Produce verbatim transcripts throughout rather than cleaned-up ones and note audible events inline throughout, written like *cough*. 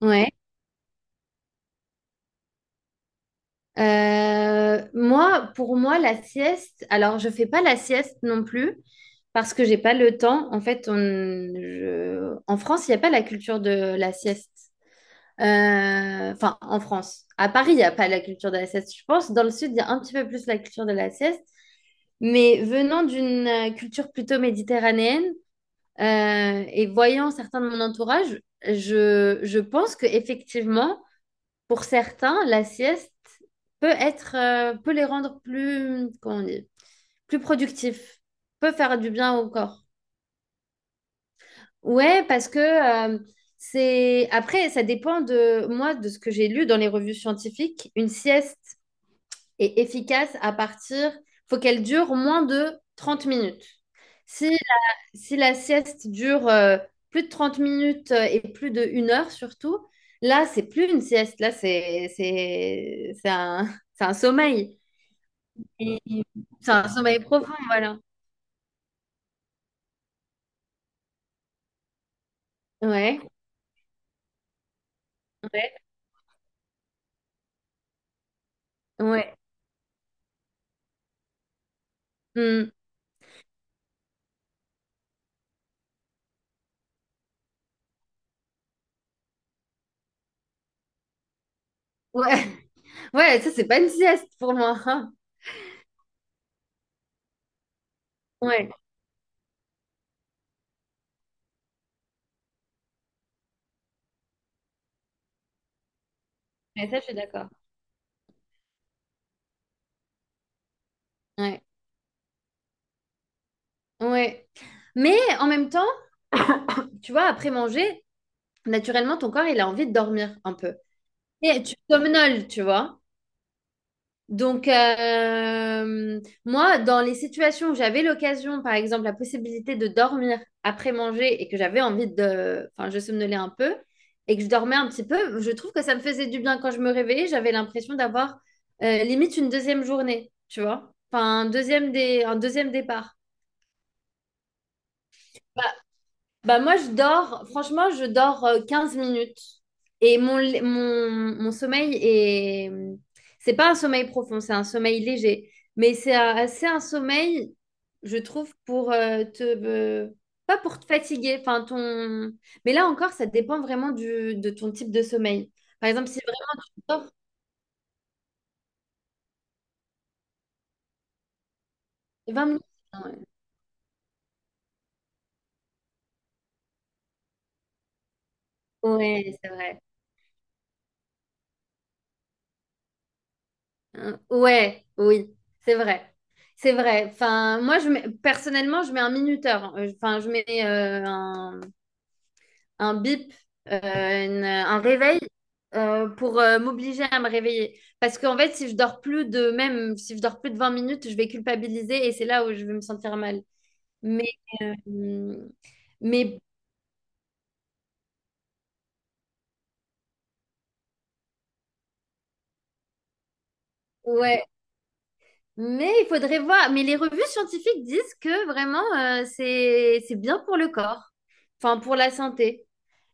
Ouais. Euh, moi, pour moi, la sieste, alors je fais pas la sieste non plus parce que j'ai pas le temps. En fait, on, je- en France, il n'y a pas la culture de la sieste. Euh, Enfin, en France. À Paris, il n'y a pas la culture de la sieste. Je pense dans le sud, il y a un petit peu plus la culture de la sieste. Mais venant d'une euh, culture plutôt méditerranéenne euh, et voyant certains de mon entourage, je, je pense que effectivement. Pour certains, la sieste peut être, euh, peut les rendre plus, comment on dit, plus productifs, peut faire du bien au corps. Ouais, parce que euh, c'est. Après, ça dépend de moi, de ce que j'ai lu dans les revues scientifiques. Une sieste est efficace à partir. Faut qu'elle dure moins de trente minutes. Si si la sieste dure euh, plus de trente minutes euh, et plus de une heure surtout, là, c'est plus une sieste, là, c'est c'est- c'est un, *laughs* c'est un sommeil. Et- C'est un sommeil profond, voilà. Ouais, ouais, ouais. Hmm. Ouais, *laughs* ouais, ça, c'est pas une sieste pour moi, hein. Ouais, mais ça, je suis d'accord. Ouais, ouais. Mais en même temps, tu vois, après manger, naturellement, ton corps, il a envie de dormir un peu. Et tu somnoles, tu vois. Donc, euh, moi, dans les situations où j'avais l'occasion, par exemple, la possibilité de dormir après manger et que j'avais envie de... Enfin, je somnolais un peu et que je dormais un petit peu, je trouve que ça me faisait du bien quand je me réveillais. J'avais l'impression d'avoir euh, limite une deuxième journée, tu vois? Enfin, un deuxième, dé- un deuxième départ. Bah moi, je dors, franchement, je dors euh, quinze minutes. Et mon, lé- mon, mon sommeil est... C'est pas un sommeil profond, c'est un sommeil léger. Mais c'est un- c'est un sommeil, je trouve, pour euh, te... euh, pas pour te fatiguer, enfin ton... Mais là encore, ça dépend vraiment du, de ton type de sommeil. Par exemple, si vraiment tu dors vingt minutes... Ouais, Ouais, c'est vrai. Euh, Ouais, oui, c'est vrai. C'est vrai. Enfin, moi, je mets- personnellement, je mets un minuteur. Euh, Enfin, je mets euh, un, un bip, euh, une- un réveil euh, pour euh, m'obliger à me réveiller. Parce qu'en fait, si je dors plus de même, si je dors plus de vingt minutes, je vais culpabiliser et c'est là où je vais me sentir mal. Mais, euh, mais ouais. Mais il faudrait voir. Mais les revues scientifiques disent que vraiment, euh, c'est c'est bien pour le corps. Enfin, pour la santé.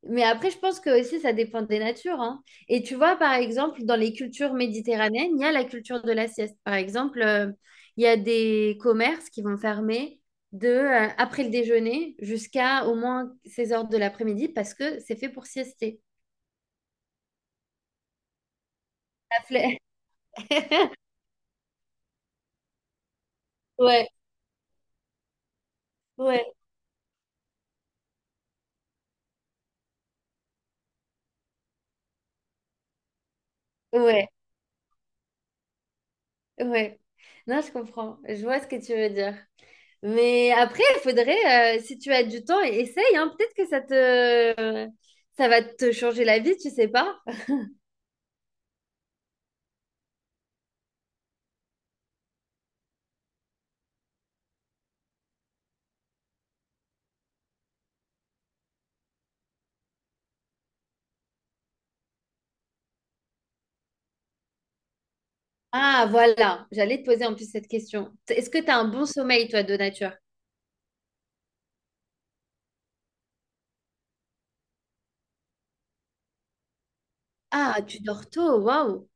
Mais après, je pense que aussi, ça dépend des natures, hein. Et tu vois, par exemple, dans les cultures méditerranéennes, il y a la culture de la sieste. Par exemple, euh, il y a des commerces qui vont fermer de, euh, après le déjeuner jusqu'à au moins seize heures de l'après-midi parce que c'est fait pour siester. La flemme. *laughs* Ouais, ouais, ouais, ouais. Non, je comprends. Je vois ce que tu veux dire. Mais après, il faudrait, euh, si tu as du temps, essaye, hein. Peut-être que ça te, ça va te changer la vie, tu sais pas. Ah, voilà, j'allais te poser en plus cette question. Est-ce que tu as un bon sommeil, toi, de nature? Ah, tu dors tôt, waouh.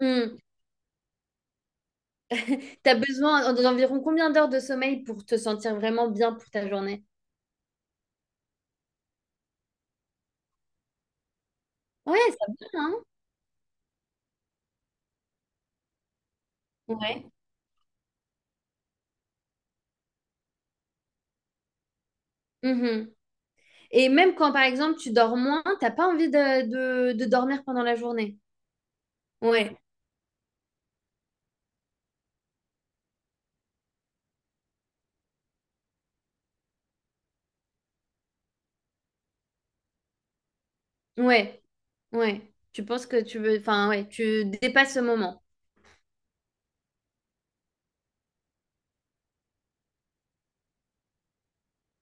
Hmm. T'as besoin d'environ combien d'heures de sommeil pour te sentir vraiment bien pour ta journée? Ouais, ça va, hein? Ouais. Mhm. Et même quand, par exemple, tu dors moins, t'as pas envie de, de, de dormir pendant la journée. Ouais, ouais, ouais. Tu penses que tu veux... Enfin, ouais, tu dépasses ce moment.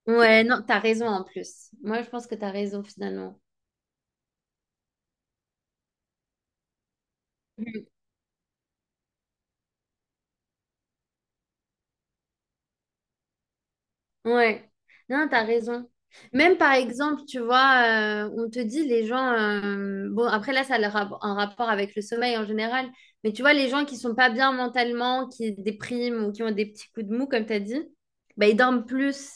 Ouais, non, t'as raison en plus. Moi, je pense que t'as raison finalement. Ouais, non, t'as raison. Même par exemple, tu vois, euh, on te dit les gens, euh, bon, après là, ça a le rap- un rapport avec le sommeil en général, mais tu vois, les gens qui sont pas bien mentalement, qui dépriment ou qui ont des petits coups de mou, comme t'as dit, bah, ils dorment plus.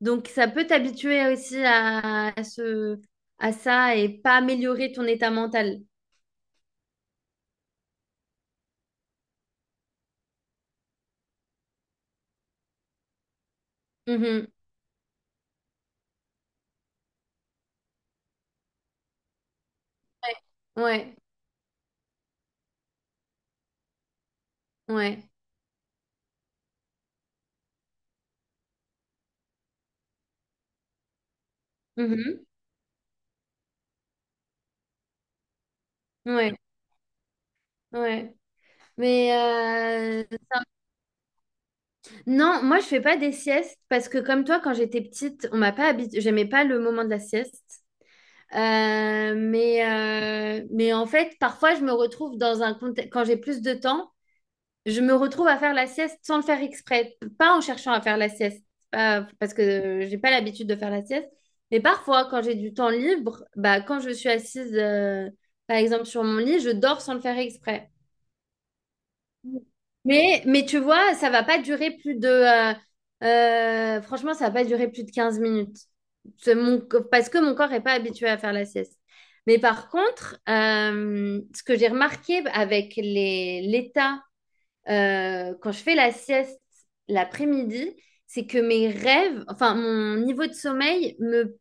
Donc, ça peut t'habituer aussi à, à ce, à ça et pas améliorer ton état mental. Mhm. Ouais, ouais, ouais. Mhm. Ouais, ouais. Mais euh, non, moi je fais pas des siestes parce que comme toi, quand j'étais petite, on m'a pas habitué, j'aimais pas le moment de la sieste. Euh, mais, euh, mais en fait, parfois je me retrouve dans un contexte, quand j'ai plus de temps, je me retrouve à faire la sieste sans le faire exprès, pas en cherchant à faire la sieste, pas- parce que euh, j'ai pas l'habitude de faire la sieste. Mais parfois, quand j'ai du temps libre, bah quand je suis assise, euh, par exemple sur mon lit, je dors sans le faire exprès. Mais, mais tu vois, ça va pas durer plus de... euh, euh, franchement, ça va pas durer plus de quinze minutes. C'est mon co- parce que mon corps est pas habitué à faire la sieste. Mais par contre, euh, ce que j'ai remarqué avec les, l'état, euh, quand je fais la sieste l'après-midi, c'est que mes rêves, enfin mon niveau de sommeil me,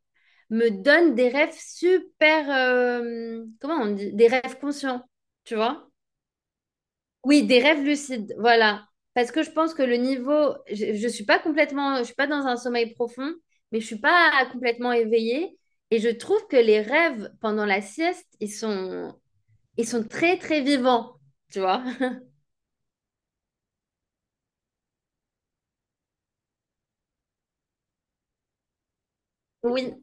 me donne des rêves super... euh, comment on dit? Des rêves conscients, tu vois? Oui, des rêves lucides, voilà. Parce que je pense que le niveau, je, je suis pas complètement, je suis pas dans un sommeil profond, mais je suis pas complètement éveillée. Et je trouve que les rêves pendant la sieste, ils sont, ils sont très très vivants, tu vois. *laughs* Oui.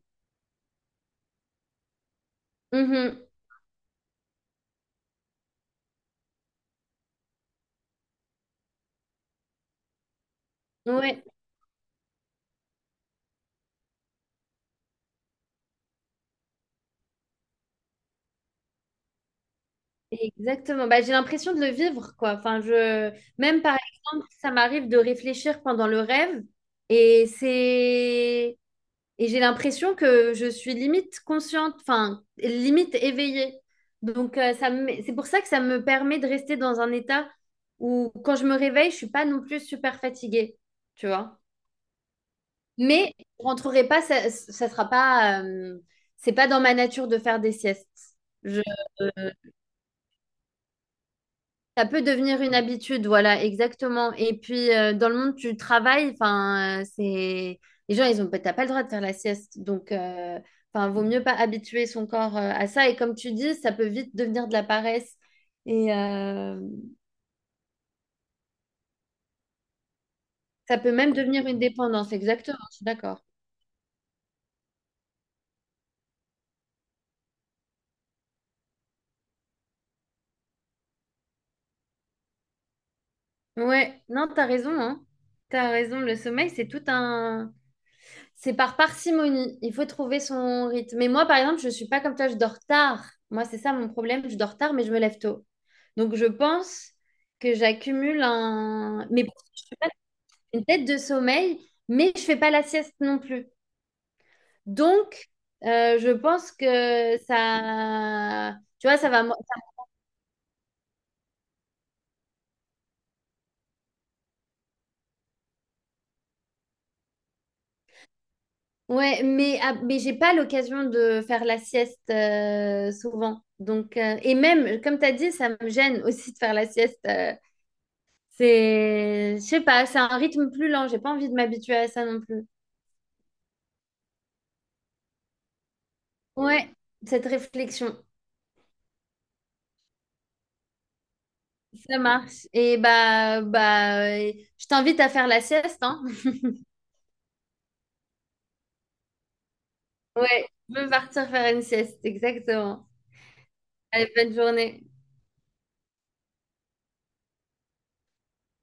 Mhm. Ouais, exactement. Bah, j'ai l'impression de le vivre, quoi. Enfin, je... Même par exemple, ça m'arrive de réfléchir pendant le rêve et c'est... Et j'ai l'impression que je suis limite consciente, enfin, limite éveillée. Donc, euh, ça me- c'est pour ça que ça me permet de rester dans un état où, quand je me réveille, je suis pas non plus super fatiguée, tu vois. Mais je rentrerai pas, ça, ça sera pas, euh, c'est pas dans ma nature de faire des siestes. Je, euh, Ça peut devenir une habitude, voilà, exactement. Et puis, euh, dans le monde du travail, enfin, euh, c'est... Les gens, ils ont... T'as pas le droit de faire la sieste. Donc, euh, enfin, vaut mieux pas habituer son corps euh, à ça. Et comme tu dis, ça peut vite devenir de la paresse. Et euh, ça peut même devenir une dépendance, exactement. Je suis d'accord. Ouais, non, t'as raison, hein. T'as raison. Le sommeil, c'est tout un... C'est par parcimonie. Il faut trouver son rythme. Mais moi, par exemple, je ne suis pas comme toi, je dors tard. Moi, c'est ça mon problème. Je dors tard, mais je me lève tôt. Donc, je pense que j'accumule un... mais une tête de sommeil, mais je ne fais pas la sieste non plus. Donc, euh, je pense que ça... Tu vois, ça va... Ouais, mais, ah, mais j'ai pas l'occasion de faire la sieste euh, souvent. Donc, euh, et même, comme tu as dit, ça me gêne aussi de faire la sieste euh, c'est, je sais pas, c'est un rythme plus lent. J'ai pas envie de m'habituer à ça non plus. Ouais, cette réflexion, ça marche. Et bah, bah, euh, je t'invite à faire la sieste, hein. Ouais, je veux partir faire une sieste, exactement. Allez, bonne journée.